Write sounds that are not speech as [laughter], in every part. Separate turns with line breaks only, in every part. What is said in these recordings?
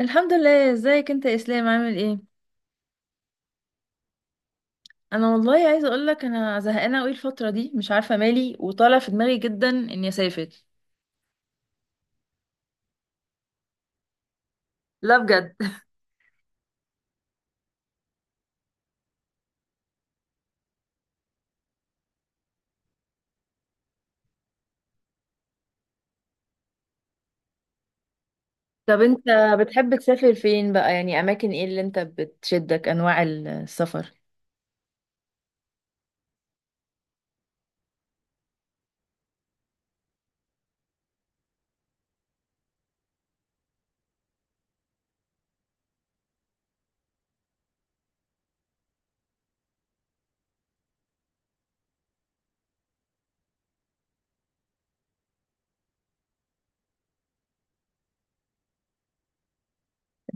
الحمد لله، ازيك انت يا اسلام؟ عامل ايه؟ انا والله عايزه اقول لك انا زهقانه قوي الفتره دي، مش عارفه مالي، وطالع في دماغي جدا اني اسافر. لا بجد [laughs] طب انت بتحب تسافر فين بقى؟ يعني اماكن ايه اللي انت بتشدك؟ انواع السفر؟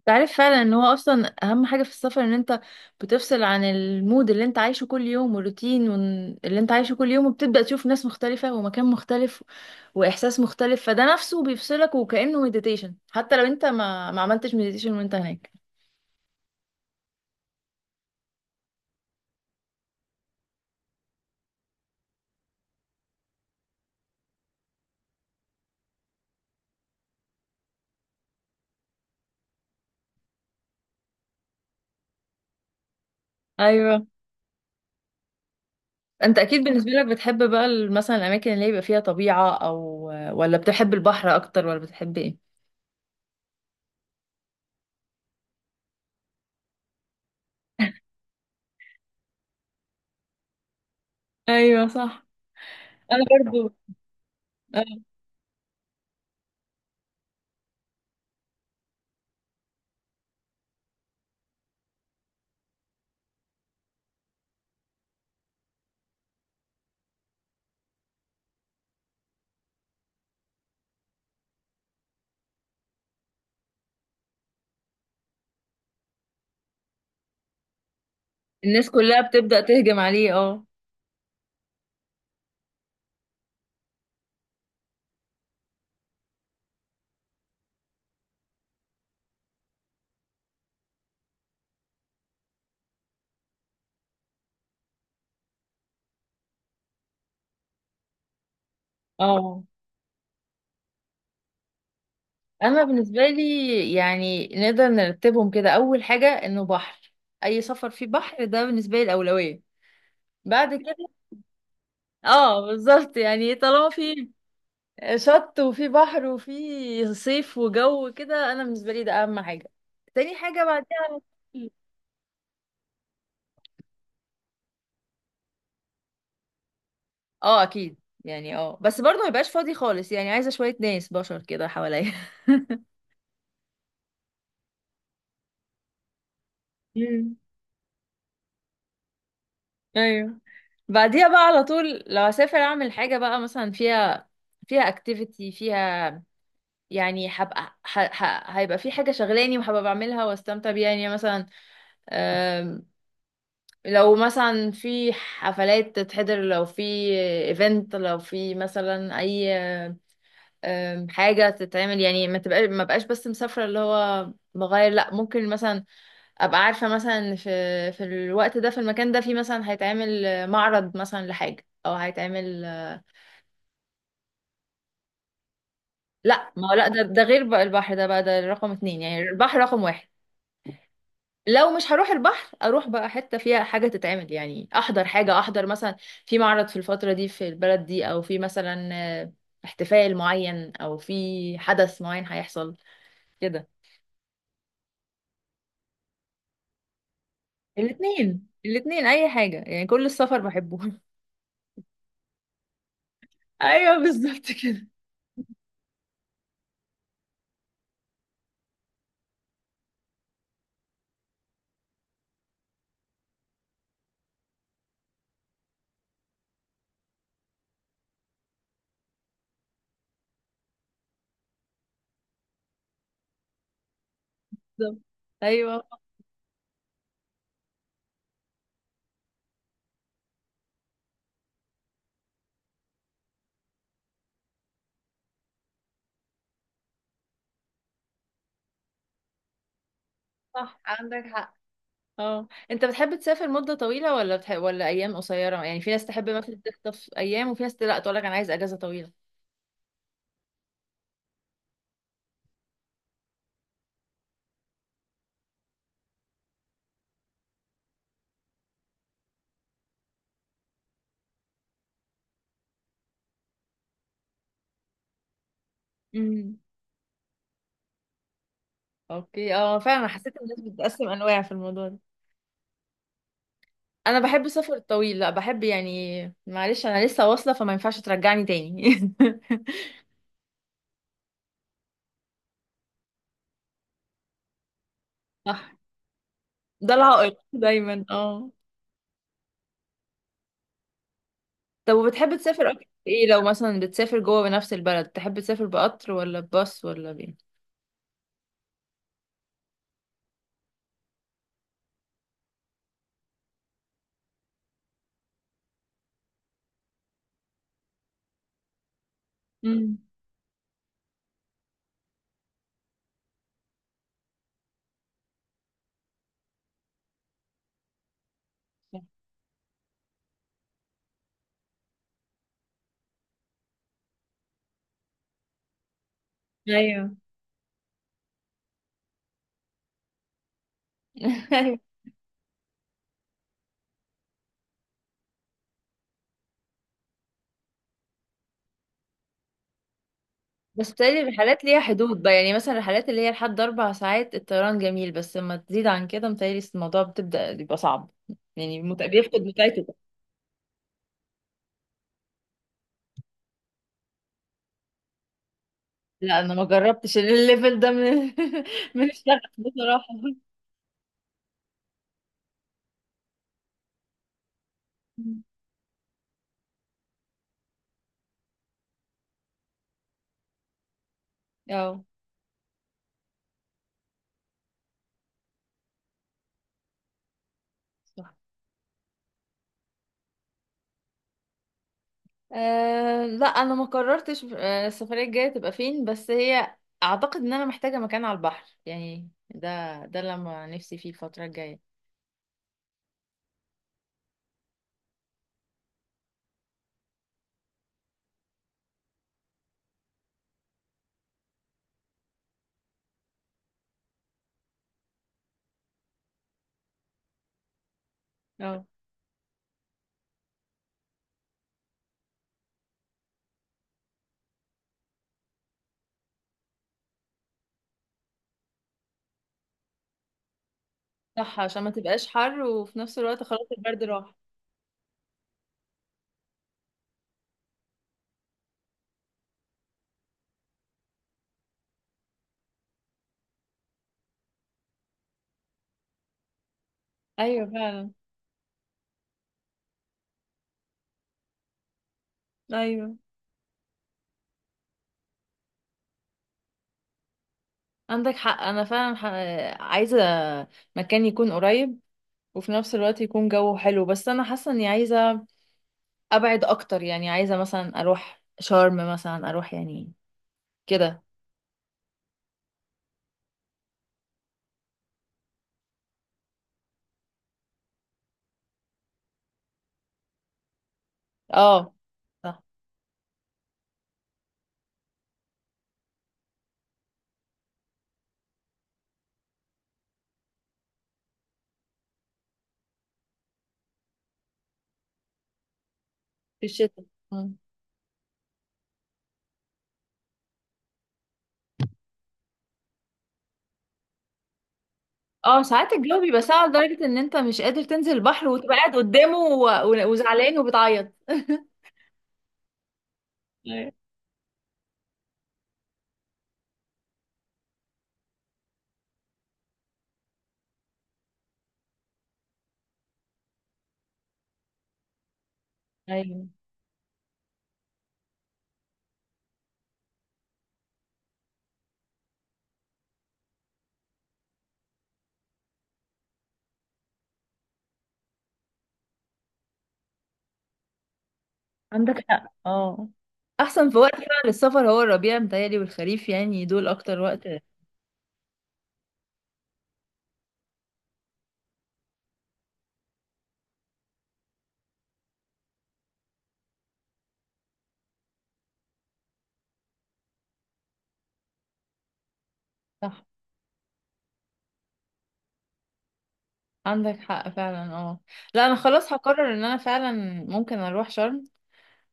تعرف فعلا ان هو اصلا اهم حاجة في السفر ان انت بتفصل عن المود اللي انت عايشه كل يوم والروتين اللي انت عايشه كل يوم، وبتبدأ تشوف ناس مختلفة ومكان مختلف واحساس مختلف، فده نفسه بيفصلك وكأنه مديتيشن، حتى لو انت ما عملتش مديتيشن وانت هناك. ايوه. انت اكيد بالنسبة لك بتحب بقى مثلا الاماكن اللي يبقى فيها طبيعة، او ولا بتحب البحر اكتر، ولا بتحب ايه؟ ايوه صح. انا برضو آه. الناس كلها بتبدأ تهجم عليه، اه. اه، انا بالنسبه لي يعني نقدر نرتبهم كده: اول حاجه انه بحر. اي سفر فيه بحر ده بالنسبه لي الاولويه. بعد كده، اه بالظبط، يعني طالما في شط وفي بحر وفي صيف وجو كده، انا بالنسبه لي ده اهم حاجه. تاني حاجه بعدها، اه اكيد. يعني اه بس برضه ما يبقاش فاضي خالص، يعني عايزه شويه ناس بشر كده حواليا. [laughs] مم. ايوه. بعديها بقى على طول لو هسافر اعمل حاجه بقى مثلا فيها، فيها اكتيفيتي فيها، يعني هبقى هيبقى في حاجة شغلاني وهبقى بعملها واستمتع بيها. يعني مثلا، آم، لو مثلا في حفلات تتحضر، لو في ايفنت، لو في مثلا اي حاجة تتعمل، يعني ما تبقاش ما بقاش بس مسافرة، اللي هو بغير. لا، ممكن مثلا ابقى عارفة مثلا إن في الوقت ده في المكان ده في مثلا هيتعمل معرض مثلا لحاجة، او هيتعمل. لا، ما هو لا، ده غير بقى، البحر ده رقم اتنين، يعني البحر رقم واحد. لو مش هروح البحر اروح بقى حته فيها حاجه تتعمل، يعني احضر حاجه، احضر مثلا في معرض في الفتره دي في البلد دي، او في مثلا آه، احتفال معين، او في حدث معين هيحصل كده. الاثنين الاثنين، اي حاجه، يعني كل السفر بحبه. [laughs] ايوه بالظبط كده. بالظبط. ايوه صح، عندك حق. اه، انت بتحب تسافر مده طويله ولا ولا ايام قصيره؟ يعني في ناس تحب مثلا تخطف ايام، وفي ناس لا تقول لك انا عايز اجازه طويله. مم. اوكي. اه فعلا، أنا حسيت الناس بتقسم انواع في الموضوع ده. انا بحب السفر الطويل، لا بحب يعني، معلش انا لسه واصله فما ينفعش ترجعني تاني. [laughs] صح. ده العائق دايما، اه. طب وبتحب تسافر اكتر في ايه؟ لو مثلا بتسافر جوه بنفس البلد، تحب تسافر بقطر ولا بباص ولا بايه؟ امم. ايوه. [laughs] ايوه. بس بتهيألي الرحلات ليها حدود بقى، يعني مثلا الرحلات اللي هي لحد اربع ساعات الطيران جميل، بس لما تزيد عن كده متهيألي الموضوع بتبدأ يبقى صعب. يعني بيفقد متعته. لا انا ما جربتش الليفل ده من [laughs] من الشغف بصراحه. اه صح. آه، لا انا ما قررتش آه، السفريه الجايه تبقى فين، بس هي اعتقد ان انا محتاجه مكان على البحر، يعني ده ده لما نفسي فيه الفتره الجايه. اه صح، عشان ما تبقاش حر وفي نفس الوقت خلاص البرد راح. ايوه فعلا. ايوه عندك حق، انا فعلا عايزه مكان يكون قريب وفي نفس الوقت يكون جو حلو، بس انا حاسه اني عايزه ابعد اكتر، يعني عايزه مثلا اروح شرم مثلا، اروح يعني كده. اه صح. في الشتاء. مم. اه ساعات الجو بيبقى ساقع لدرجه ان انت مش قادر تنزل البحر، وتبقى قاعد قدامه وزعلان وبتعيط. ايوه. [laughs] أيوة. عندك حق، اه. احسن في وقت فعلا للسفر هو الربيع متهيألي، والخريف، يعني دول اكتر وقت. صح، عندك حق فعلا، اه. لا انا خلاص هقرر ان انا فعلا ممكن اروح شرم،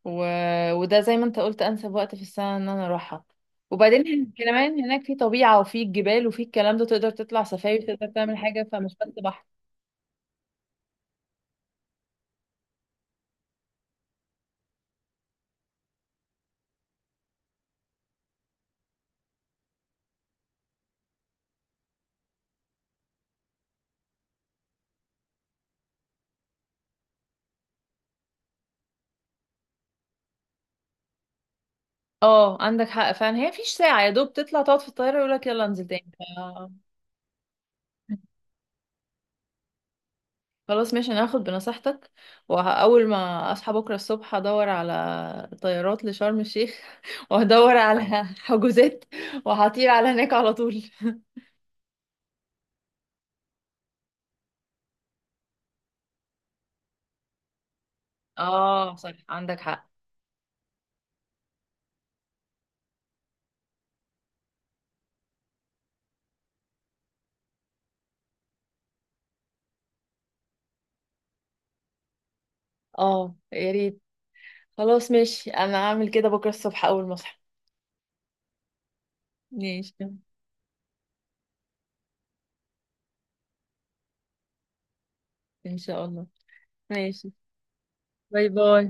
و... وده زي ما انت قلت انسب وقت في السنة ان انا اروحها، وبعدين كمان هناك في طبيعة وفي جبال وفي الكلام ده، تقدر تطلع سفاري، تقدر تعمل حاجة، فمش بس بحر. اه عندك حق فعلا، هي فيش ساعة يا دوب تطلع تقعد في الطيارة يقولك يلا انزل تاني [laughs] خلاص ماشي، انا هاخد بنصيحتك، واول ما اصحى بكرة الصبح هدور على طيارات لشرم الشيخ [laughs] وهدور على حجوزات وهطير على هناك على طول. [laughs] اه صح، عندك حق، اه. يا ريت. خلاص ماشي، انا هعمل كده بكره الصبح اول ما اصحى. ماشي. ان شاء الله. ماشي. باي باي.